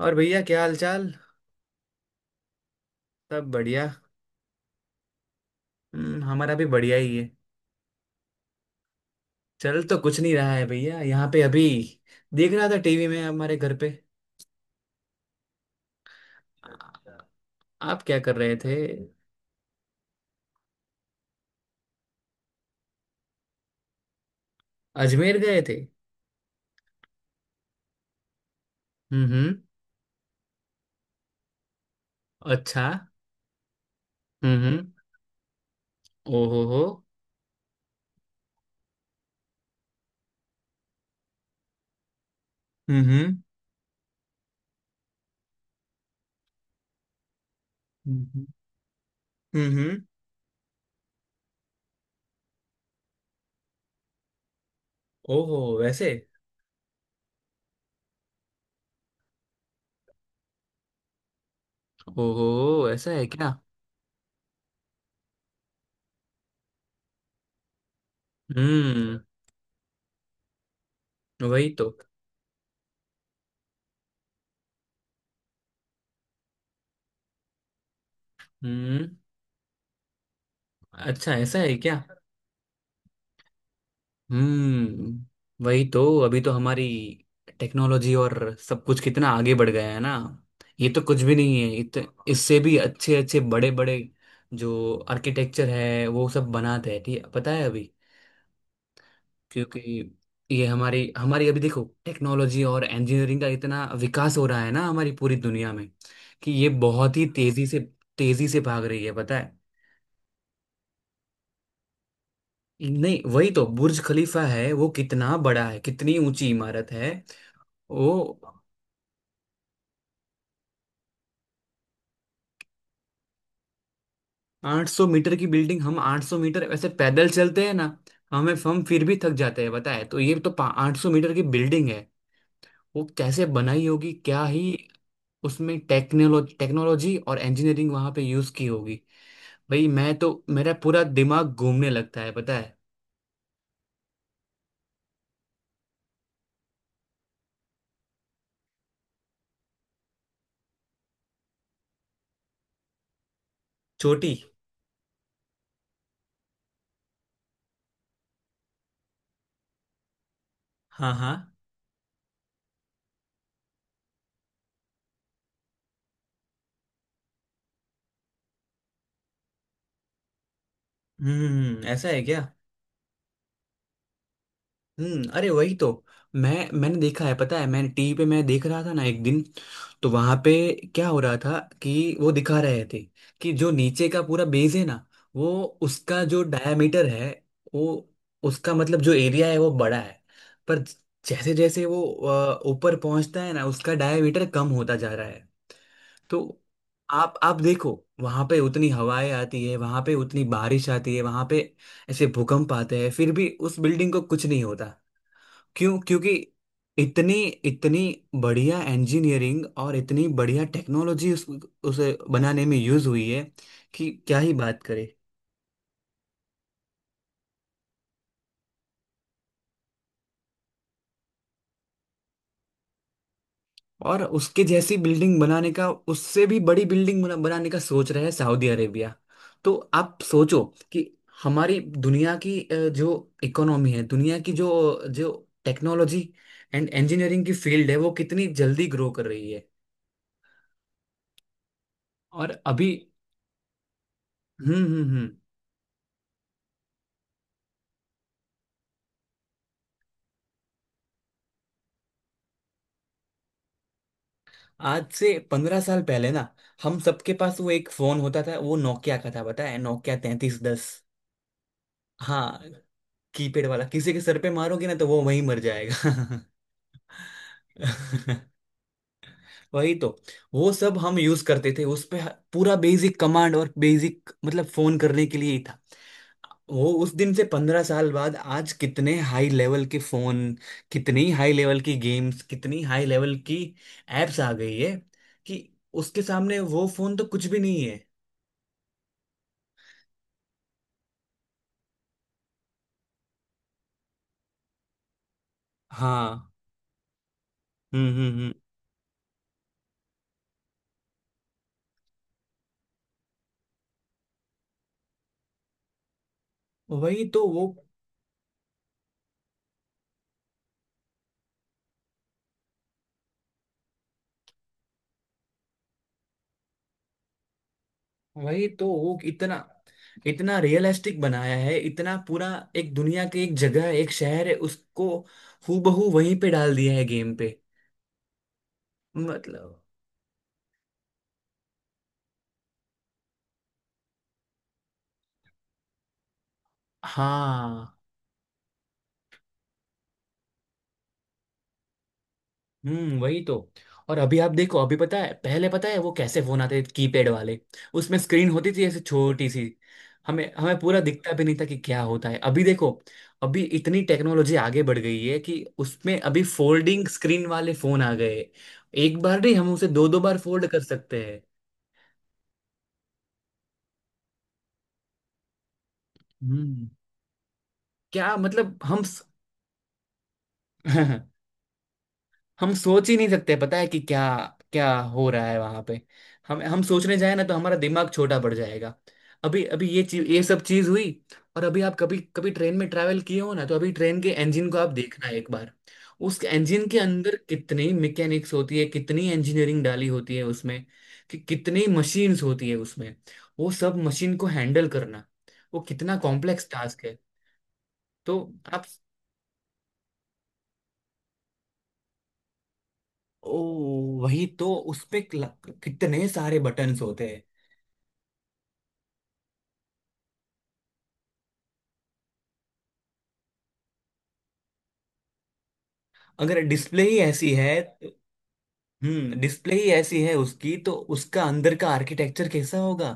और भैया क्या हाल चाल। सब बढ़िया। हमारा भी बढ़िया ही है। चल तो कुछ नहीं रहा है भैया यहाँ पे अभी। देख रहा था टीवी में हमारे घर पे। आ- आप क्या कर रहे थे? अजमेर गए थे? हम्म। अच्छा। हम्म। ओहो हो। हम्म हम्म। हम्म। ओहो वैसे। ओहो ऐसा है क्या? हम्म वही तो। हम्म। अच्छा ऐसा है क्या? वही तो। अभी तो हमारी टेक्नोलॉजी और सब कुछ कितना आगे बढ़ गया है ना। ये तो कुछ भी नहीं है, इससे भी अच्छे अच्छे बड़े बड़े जो आर्किटेक्चर है वो सब बनाते हैं। ठीक है पता है अभी? क्योंकि ये हमारी हमारी अभी देखो टेक्नोलॉजी और इंजीनियरिंग का इतना विकास हो रहा है ना हमारी पूरी दुनिया में कि ये बहुत ही तेजी से भाग रही है पता है। नहीं वही तो बुर्ज खलीफा है, वो कितना बड़ा है, कितनी ऊंची इमारत है। वो 800 मीटर की बिल्डिंग। हम 800 मीटर वैसे पैदल चलते हैं ना, हमें हम फिर भी थक जाते हैं, बताए तो ये तो 800 मीटर की बिल्डिंग है। वो कैसे बनाई होगी, क्या ही। उसमें टेक्नोलॉजी टेक्नोलॉजी और इंजीनियरिंग वहां पे यूज की होगी। भाई मैं तो, मेरा पूरा दिमाग घूमने लगता है पता है। छोटी। हाँ हाँ। ऐसा है क्या? अरे वही तो। मैं मैंने देखा है पता है, मैंने टीवी पे मैं देख रहा था ना एक दिन, तो वहां पे क्या हो रहा था कि वो दिखा रहे थे कि जो नीचे का पूरा बेस है ना, वो उसका जो डायमीटर है, वो उसका मतलब जो एरिया है वो बड़ा है। पर जैसे जैसे वो ऊपर पहुंचता है ना उसका डायमीटर कम होता जा रहा है। तो आप देखो, वहां पे उतनी हवाएं आती है, वहां पे उतनी बारिश आती है, वहां पे ऐसे भूकंप आते हैं, फिर भी उस बिल्डिंग को कुछ नहीं होता। क्यों? क्योंकि इतनी इतनी बढ़िया इंजीनियरिंग और इतनी बढ़िया टेक्नोलॉजी उस, उसे बनाने में यूज हुई है कि क्या ही बात करें। और उसके जैसी बिल्डिंग बनाने का, उससे भी बड़ी बिल्डिंग बनाने का सोच रहा है सऊदी अरेबिया। तो आप सोचो कि हमारी दुनिया की जो इकोनॉमी है, दुनिया की जो जो टेक्नोलॉजी एंड इंजीनियरिंग की फील्ड है वो कितनी जल्दी ग्रो कर रही है। और अभी। हम्म। आज से 15 साल पहले ना, हम सबके पास वो एक फोन होता था, वो नोकिया का था पता है, नोकिया 3310। हाँ। कीपैड वाला किसी के सर पे मारोगे ना तो वो वहीं मर जाएगा। वही तो, वो सब हम यूज करते थे उस पे, पूरा बेसिक कमांड और बेसिक मतलब फोन करने के लिए ही था वो। उस दिन से 15 साल बाद आज कितने हाई लेवल के फोन, कितनी हाई लेवल की गेम्स, कितनी हाई लेवल की एप्स आ गई है कि उसके सामने वो फोन तो कुछ भी नहीं है। हाँ। हम्म। वही तो वो, वही तो वो इतना, इतना रियलिस्टिक बनाया है, इतना पूरा, एक दुनिया की एक जगह है, एक शहर है, उसको हूबहू वहीं पे डाल दिया है गेम पे। मतलब। हाँ। वही तो, और अभी आप देखो अभी पता है, पहले पता है वो कैसे फोन आते थे, कीपैड वाले, उसमें स्क्रीन होती थी ऐसे छोटी सी। हमें हमें पूरा दिखता भी नहीं था कि क्या होता है, अभी देखो, अभी इतनी टेक्नोलॉजी आगे बढ़ गई है कि उसमें अभी फोल्डिंग स्क्रीन वाले फोन आ गए। एक बार नहीं, हम उसे दो दो बार फोल्ड कर सकते हैं। हम्म। क्या मतलब हम सोच ही नहीं सकते पता है कि क्या क्या हो रहा है वहां पे। हम सोचने जाए ना तो हमारा दिमाग छोटा पड़ जाएगा। अभी अभी ये चीज, ये सब चीज हुई। और अभी आप कभी कभी ट्रेन में ट्रैवल किए हो ना, तो अभी ट्रेन के इंजन को आप देखना एक बार। उस इंजन के अंदर कितनी मैकेनिक्स होती है, कितनी इंजीनियरिंग डाली होती है उसमें, कि कितनी मशीन्स होती है उसमें। वो सब मशीन को हैंडल करना, वो कितना कॉम्प्लेक्स टास्क है। तो आप। ओ, वही तो उसपे कितने सारे बटन्स होते हैं। अगर डिस्प्ले ही ऐसी है, हम्म, डिस्प्ले ही ऐसी है उसकी, तो उसका अंदर का आर्किटेक्चर कैसा होगा,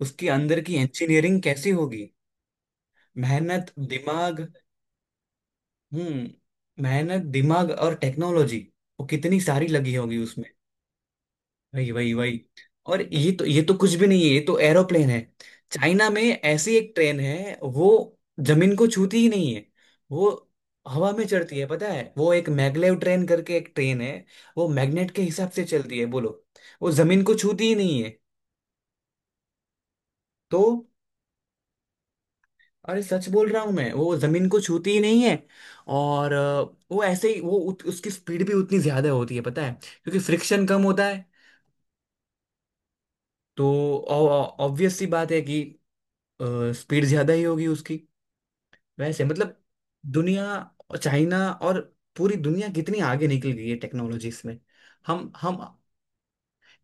उसके अंदर की इंजीनियरिंग कैसी होगी। मेहनत दिमाग। हम्म, मेहनत दिमाग और टेक्नोलॉजी वो कितनी सारी लगी होगी। वही वही वही। और ये तो कुछ भी नहीं है, ये तो एरोप्लेन है। चाइना में ऐसी एक ट्रेन है, वो जमीन को छूती ही नहीं है, वो हवा में चढ़ती है पता है, वो एक मैगलेव ट्रेन करके एक ट्रेन है, वो मैग्नेट के हिसाब से चलती है बोलो, वो जमीन को छूती ही नहीं है। तो अरे सच बोल रहा हूं मैं, वो जमीन को छूती ही नहीं है। और वो ऐसे ही, वो उसकी स्पीड भी उतनी ज्यादा होती है पता है क्योंकि फ्रिक्शन कम होता है। तो ऑब्वियस सी बात है कि स्पीड ज्यादा ही होगी उसकी। वैसे मतलब दुनिया, चाइना और पूरी दुनिया कितनी आगे निकल गई है टेक्नोलॉजीज में। हम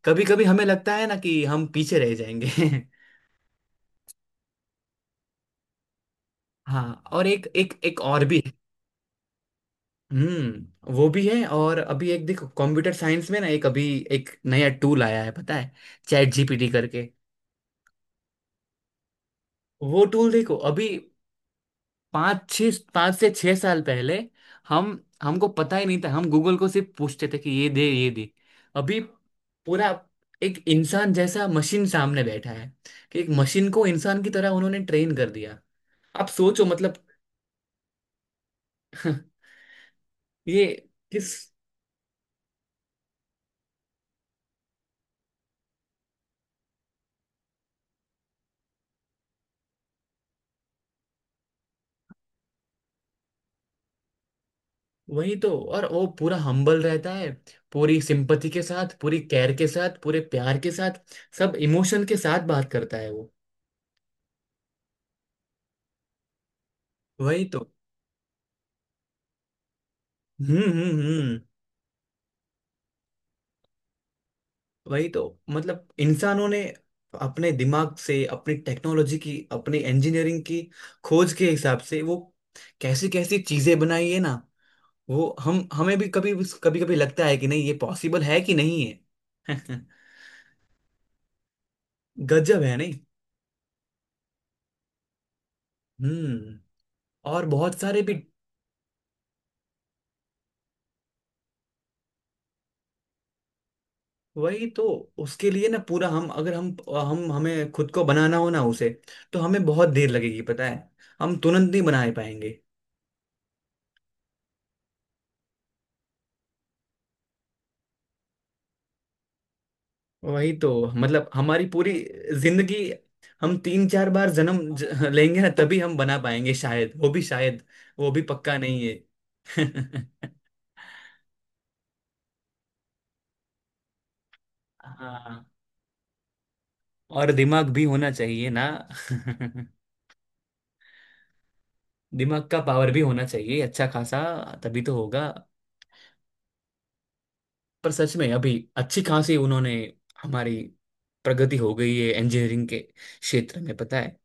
कभी कभी हमें लगता है ना कि हम पीछे रह जाएंगे। हाँ और एक एक एक और भी है। वो भी है। और अभी एक देखो कंप्यूटर साइंस में ना, एक अभी एक नया टूल आया है पता है, चैट जीपीटी करके। वो टूल देखो अभी, 5 से 6 साल पहले हम हमको पता ही नहीं था, हम गूगल को सिर्फ पूछते थे कि ये दे ये दे। अभी पूरा एक इंसान जैसा मशीन सामने बैठा है कि एक मशीन को इंसान की तरह उन्होंने ट्रेन कर दिया। आप सोचो मतलब। ये किस? वही तो, और वो पूरा हम्बल रहता है, पूरी सिंपथी के साथ, पूरी केयर के साथ, पूरे प्यार के साथ, सब इमोशन के साथ बात करता है वो। वही तो। हम्म। वही तो मतलब इंसानों ने अपने दिमाग से, अपनी टेक्नोलॉजी की, अपनी इंजीनियरिंग की खोज के हिसाब से वो कैसी कैसी चीजें बनाई है ना। वो हम, हमें भी कभी कभी कभी लगता है कि नहीं ये पॉसिबल है कि नहीं है। गजब है नहीं। हम्म और बहुत सारे भी। वही तो उसके लिए ना पूरा हम, अगर हम हम हमें खुद को बनाना हो ना उसे तो हमें बहुत देर लगेगी पता है। हम तुरंत नहीं बना पाएंगे। वही तो मतलब हमारी पूरी जिंदगी, हम तीन चार बार जन्म लेंगे ना तभी हम बना पाएंगे शायद, वो भी शायद, वो भी पक्का नहीं है। हाँ और दिमाग भी होना चाहिए ना। दिमाग का पावर भी होना चाहिए अच्छा खासा, तभी तो होगा। पर सच में अभी अच्छी खासी उन्होंने हमारी प्रगति हो गई है इंजीनियरिंग के क्षेत्र में पता है।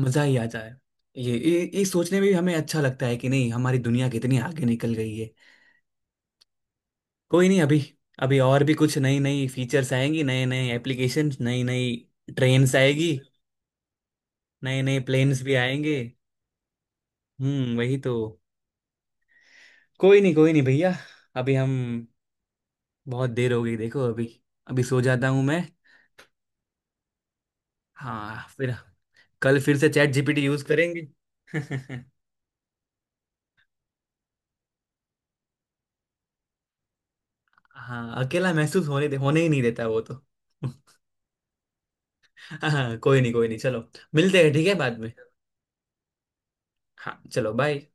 मजा ही आ जाए। ये सोचने में भी हमें अच्छा लगता है कि नहीं हमारी दुनिया कितनी आगे निकल गई है। कोई नहीं, अभी अभी और भी कुछ नई नई फीचर्स आएंगी, नए नए एप्लीकेशंस, नई नई ट्रेन्स आएगी, नए नए प्लेन्स भी आएंगे। वही तो। कोई नहीं भैया, अभी हम, बहुत देर हो गई देखो अभी, अभी सो जाता हूँ मैं। हाँ फिर कल फिर से चैट जीपीटी यूज करेंगे। हाँ अकेला महसूस होने दे, होने ही नहीं देता वो तो। हाँ कोई नहीं चलो, मिलते हैं ठीक है बाद में। हाँ चलो बाय।